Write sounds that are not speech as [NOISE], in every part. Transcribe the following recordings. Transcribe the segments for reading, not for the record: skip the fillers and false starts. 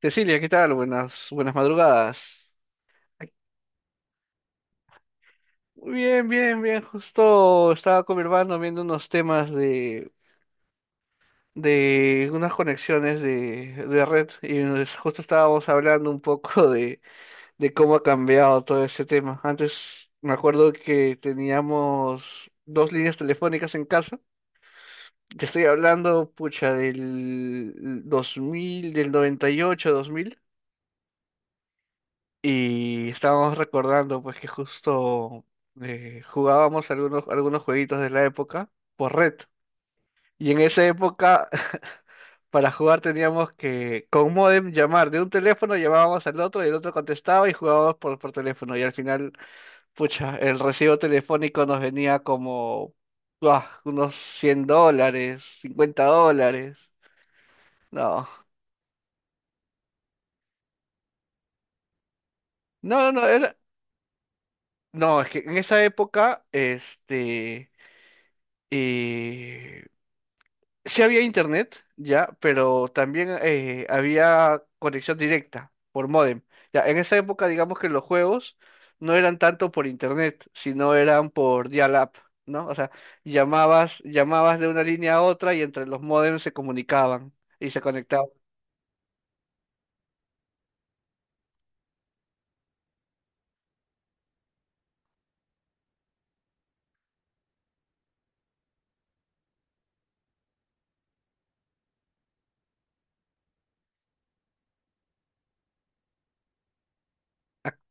Cecilia, ¿qué tal? Buenas, buenas madrugadas. Ay, Bien, bien, bien. Justo estaba con mi hermano viendo unos temas de unas conexiones de red y justo estábamos hablando un poco [LAUGHS] de cómo ha cambiado todo ese tema. Antes me acuerdo que teníamos dos líneas telefónicas en casa. Te estoy hablando, pucha, del 2000, del 98, 2000. Y estábamos recordando pues que justo jugábamos algunos jueguitos de la época por red. Y en esa época, [LAUGHS] para jugar teníamos que con modem llamar de un teléfono, llamábamos al otro y el otro contestaba y jugábamos por teléfono. Y al final, pucha, el recibo telefónico nos venía como unos $100, $50. No, no, era... No, es que en esa época, este... eh, Sí había internet, ya, pero también había conexión directa por módem. Ya, en esa época, digamos que los juegos no eran tanto por internet, sino eran por dial-up, ¿no? O sea, llamabas de una línea a otra y entre los módems se comunicaban y se conectaban.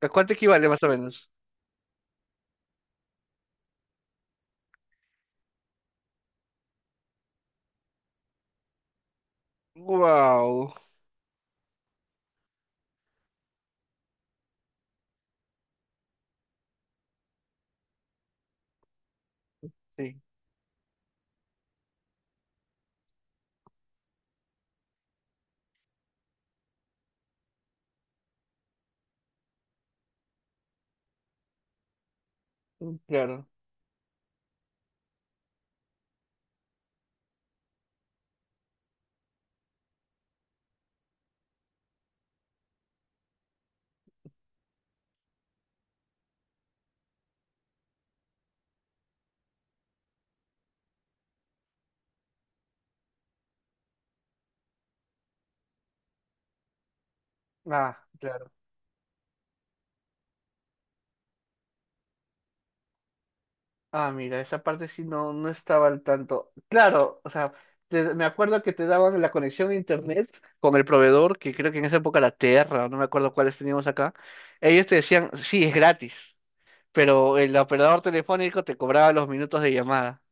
¿A cuánto equivale más o menos? Wow, sí, claro. Ah, claro. Ah, mira, esa parte sí no estaba al tanto. Claro, o sea, me acuerdo que te daban la conexión a internet con el proveedor, que creo que en esa época era Terra, no me acuerdo cuáles teníamos acá. Ellos te decían, sí, es gratis, pero el operador telefónico te cobraba los minutos de llamada.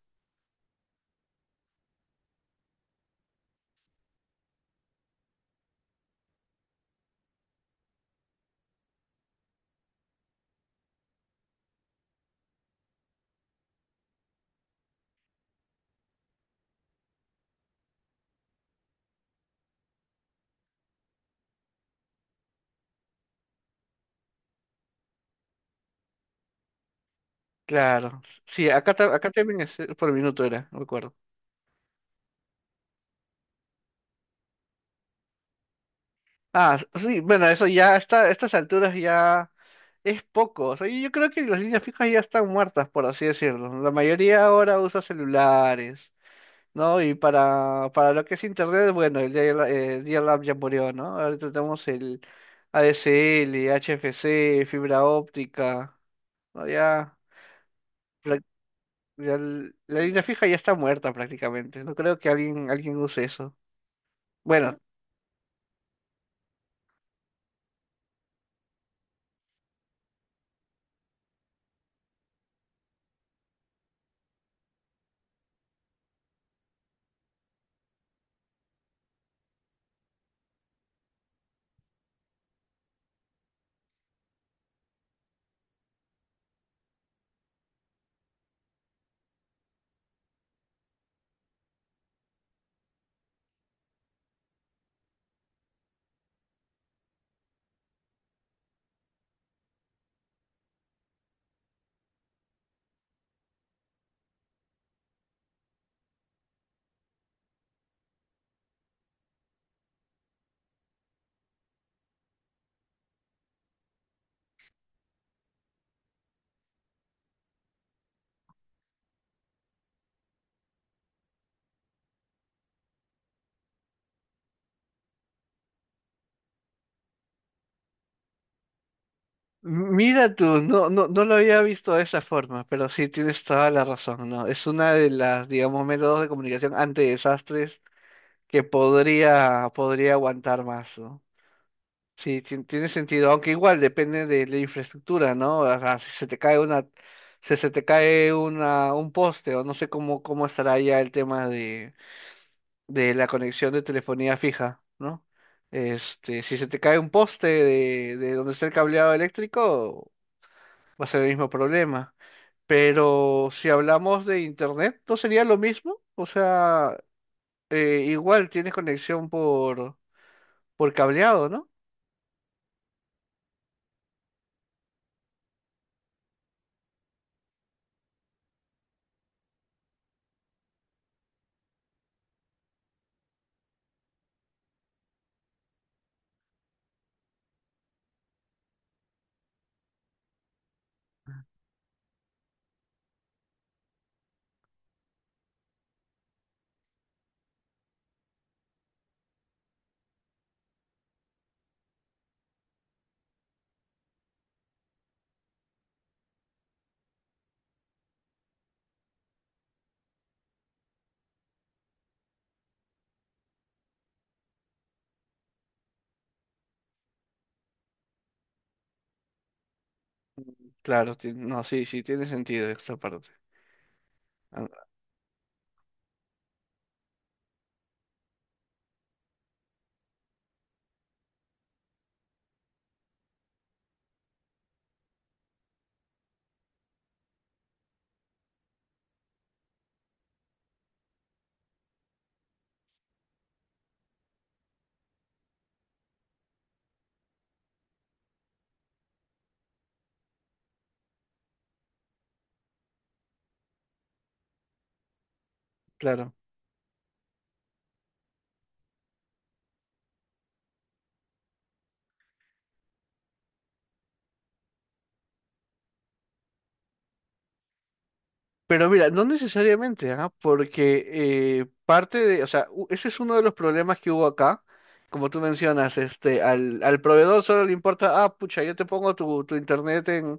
Claro, sí, acá también es por minuto era, no me acuerdo. Ah, sí, bueno, eso ya está, a estas alturas ya es poco. O sea, yo creo que las líneas fijas ya están muertas, por así decirlo. La mayoría ahora usa celulares, ¿no? Y para lo que es Internet, bueno, el dial-up ya murió, ¿no? Ahorita tenemos el ADSL, HFC, fibra óptica, ¿no? Ya, prac- la línea fija ya está muerta prácticamente. No creo que alguien use eso. Bueno, mira tú, no lo había visto de esa forma, pero sí tienes toda la razón, ¿no? Es una de las, digamos, métodos de comunicación ante desastres que podría aguantar más, ¿no? Sí, tiene sentido, aunque igual depende de la infraestructura, ¿no? O sea, si se te cae una, si se te cae un poste, o no sé cómo estará ya el tema de la conexión de telefonía fija, ¿no? Este, si se te cae un poste de donde está el cableado eléctrico, va a ser el mismo problema. Pero si hablamos de internet, ¿no sería lo mismo? O sea, igual tienes conexión por cableado, ¿no? Claro, ti- no, sí, sí, tiene sentido esta parte. Ah, claro. Pero mira, no necesariamente, ¿ah? Porque parte de, o sea, ese es uno de los problemas que hubo acá. Como tú mencionas, este, al proveedor solo le importa, ah, pucha, yo te pongo tu internet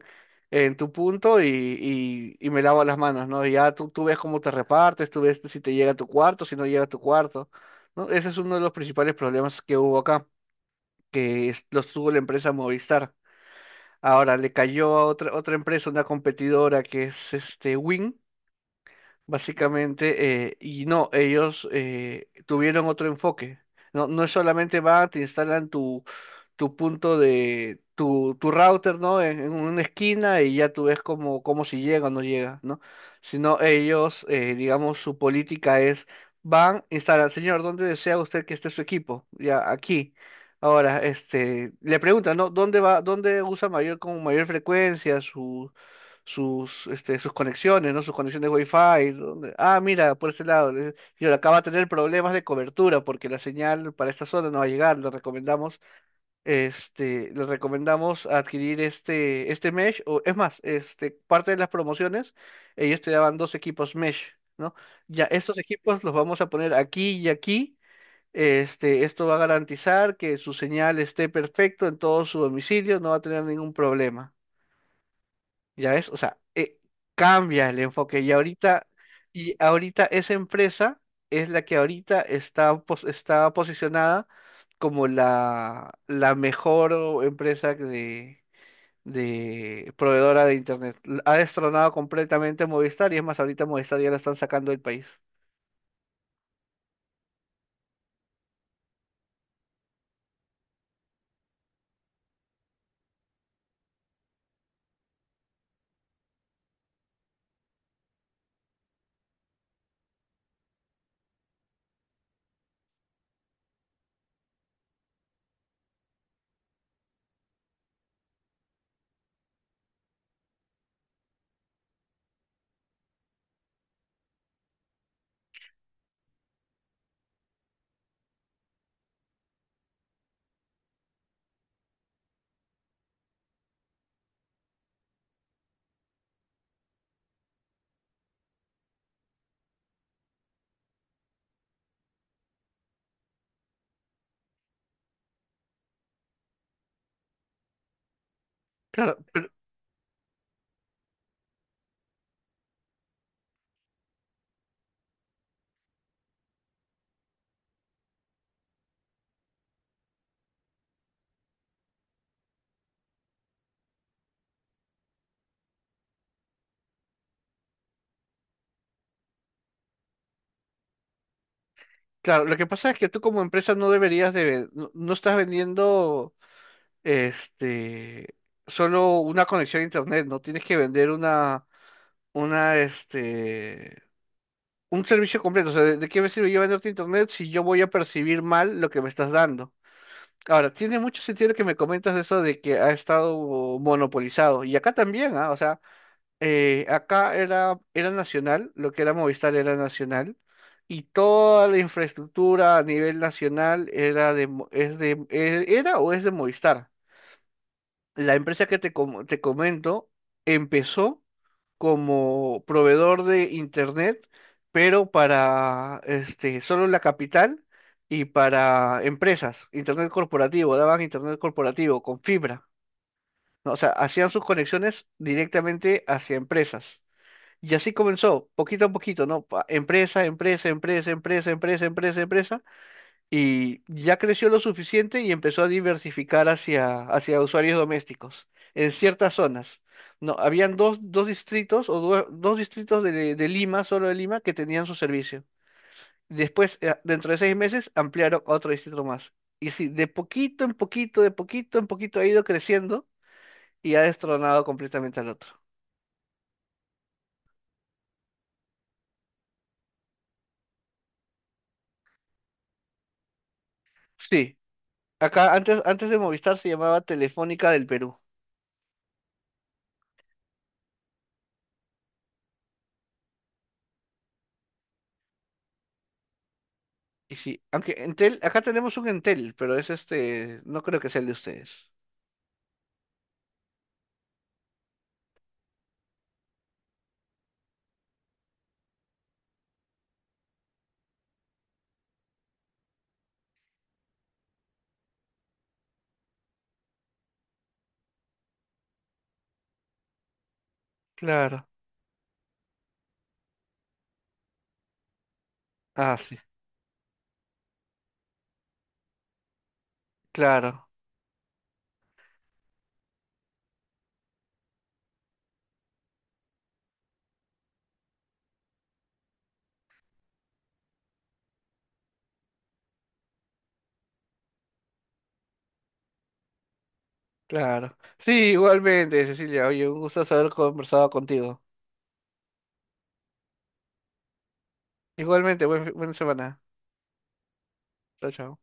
en tu punto y me lavo las manos, ¿no? Y ya tú ves cómo te repartes, tú ves si te llega a tu cuarto, si no llega a tu cuarto, ¿no? Ese es uno de los principales problemas que hubo acá, que los tuvo la empresa Movistar. Ahora, le cayó a otra empresa, una competidora que es este Win básicamente, y no, ellos tuvieron otro enfoque. No, no es solamente van, te instalan tu punto de tu router, ¿no? En una esquina y ya tú ves cómo si llega o no llega, ¿no? Sino ellos, digamos, su política es, van, instalan, señor, ¿dónde desea usted que esté su equipo? Ya, aquí. Ahora, este, le preguntan, ¿no? ¿Dónde va, dónde usa mayor, con mayor frecuencia este, sus conexiones, ¿no? Sus conexiones Wi-Fi. ¿Dónde? Ah, mira, por este lado. Y ahora acaba de tener problemas de cobertura porque la señal para esta zona no va a llegar. Les recomendamos adquirir este, este mesh, o es más, este, parte de las promociones, ellos te daban dos equipos mesh, ¿no? Ya, estos equipos los vamos a poner aquí y aquí. Este, esto va a garantizar que su señal esté perfecto en todo su domicilio, no va a tener ningún problema. ¿Ya ves? O sea, cambia el enfoque y ahorita esa empresa es la que ahorita está posicionada como la mejor empresa de proveedora de Internet. Ha destronado completamente a Movistar y es más, ahorita Movistar ya la están sacando del país. Claro, pero- claro, lo que pasa es que tú como empresa no deberías de, no estás vendiendo este solo una conexión a internet, no tienes que vender este, un servicio completo. O sea, ¿ de qué me sirve yo venderte internet si yo voy a percibir mal lo que me estás dando? Ahora, tiene mucho sentido que me comentas eso de que ha estado monopolizado. Y acá también, ¿ah? O sea, acá era nacional, lo que era Movistar era nacional. Y toda la infraestructura a nivel nacional era de, es de, era o es de Movistar. La empresa que te comento empezó como proveedor de internet, pero para este, solo la capital y para empresas, internet corporativo, daban internet corporativo con fibra, ¿no? O sea, hacían sus conexiones directamente hacia empresas. Y así comenzó, poquito a poquito, ¿no? Empresa, empresa, empresa, empresa, empresa, empresa, empresa, y ya creció lo suficiente y empezó a diversificar hacia usuarios domésticos en ciertas zonas. No, habían dos distritos dos distritos de Lima, solo de Lima, que tenían su servicio. Después, dentro de 6 meses, ampliaron a otro distrito más. Y sí, de poquito en poquito, de poquito en poquito ha ido creciendo y ha destronado completamente al otro. Sí, antes de Movistar se llamaba Telefónica del Perú. Y sí, aunque Entel, acá tenemos un Entel, pero es este, no creo que sea el de ustedes. Claro, ah, sí, claro, claro. Sí, igualmente, Cecilia, oye, un gusto haber conversado contigo. Igualmente, buena semana. Chao, chao.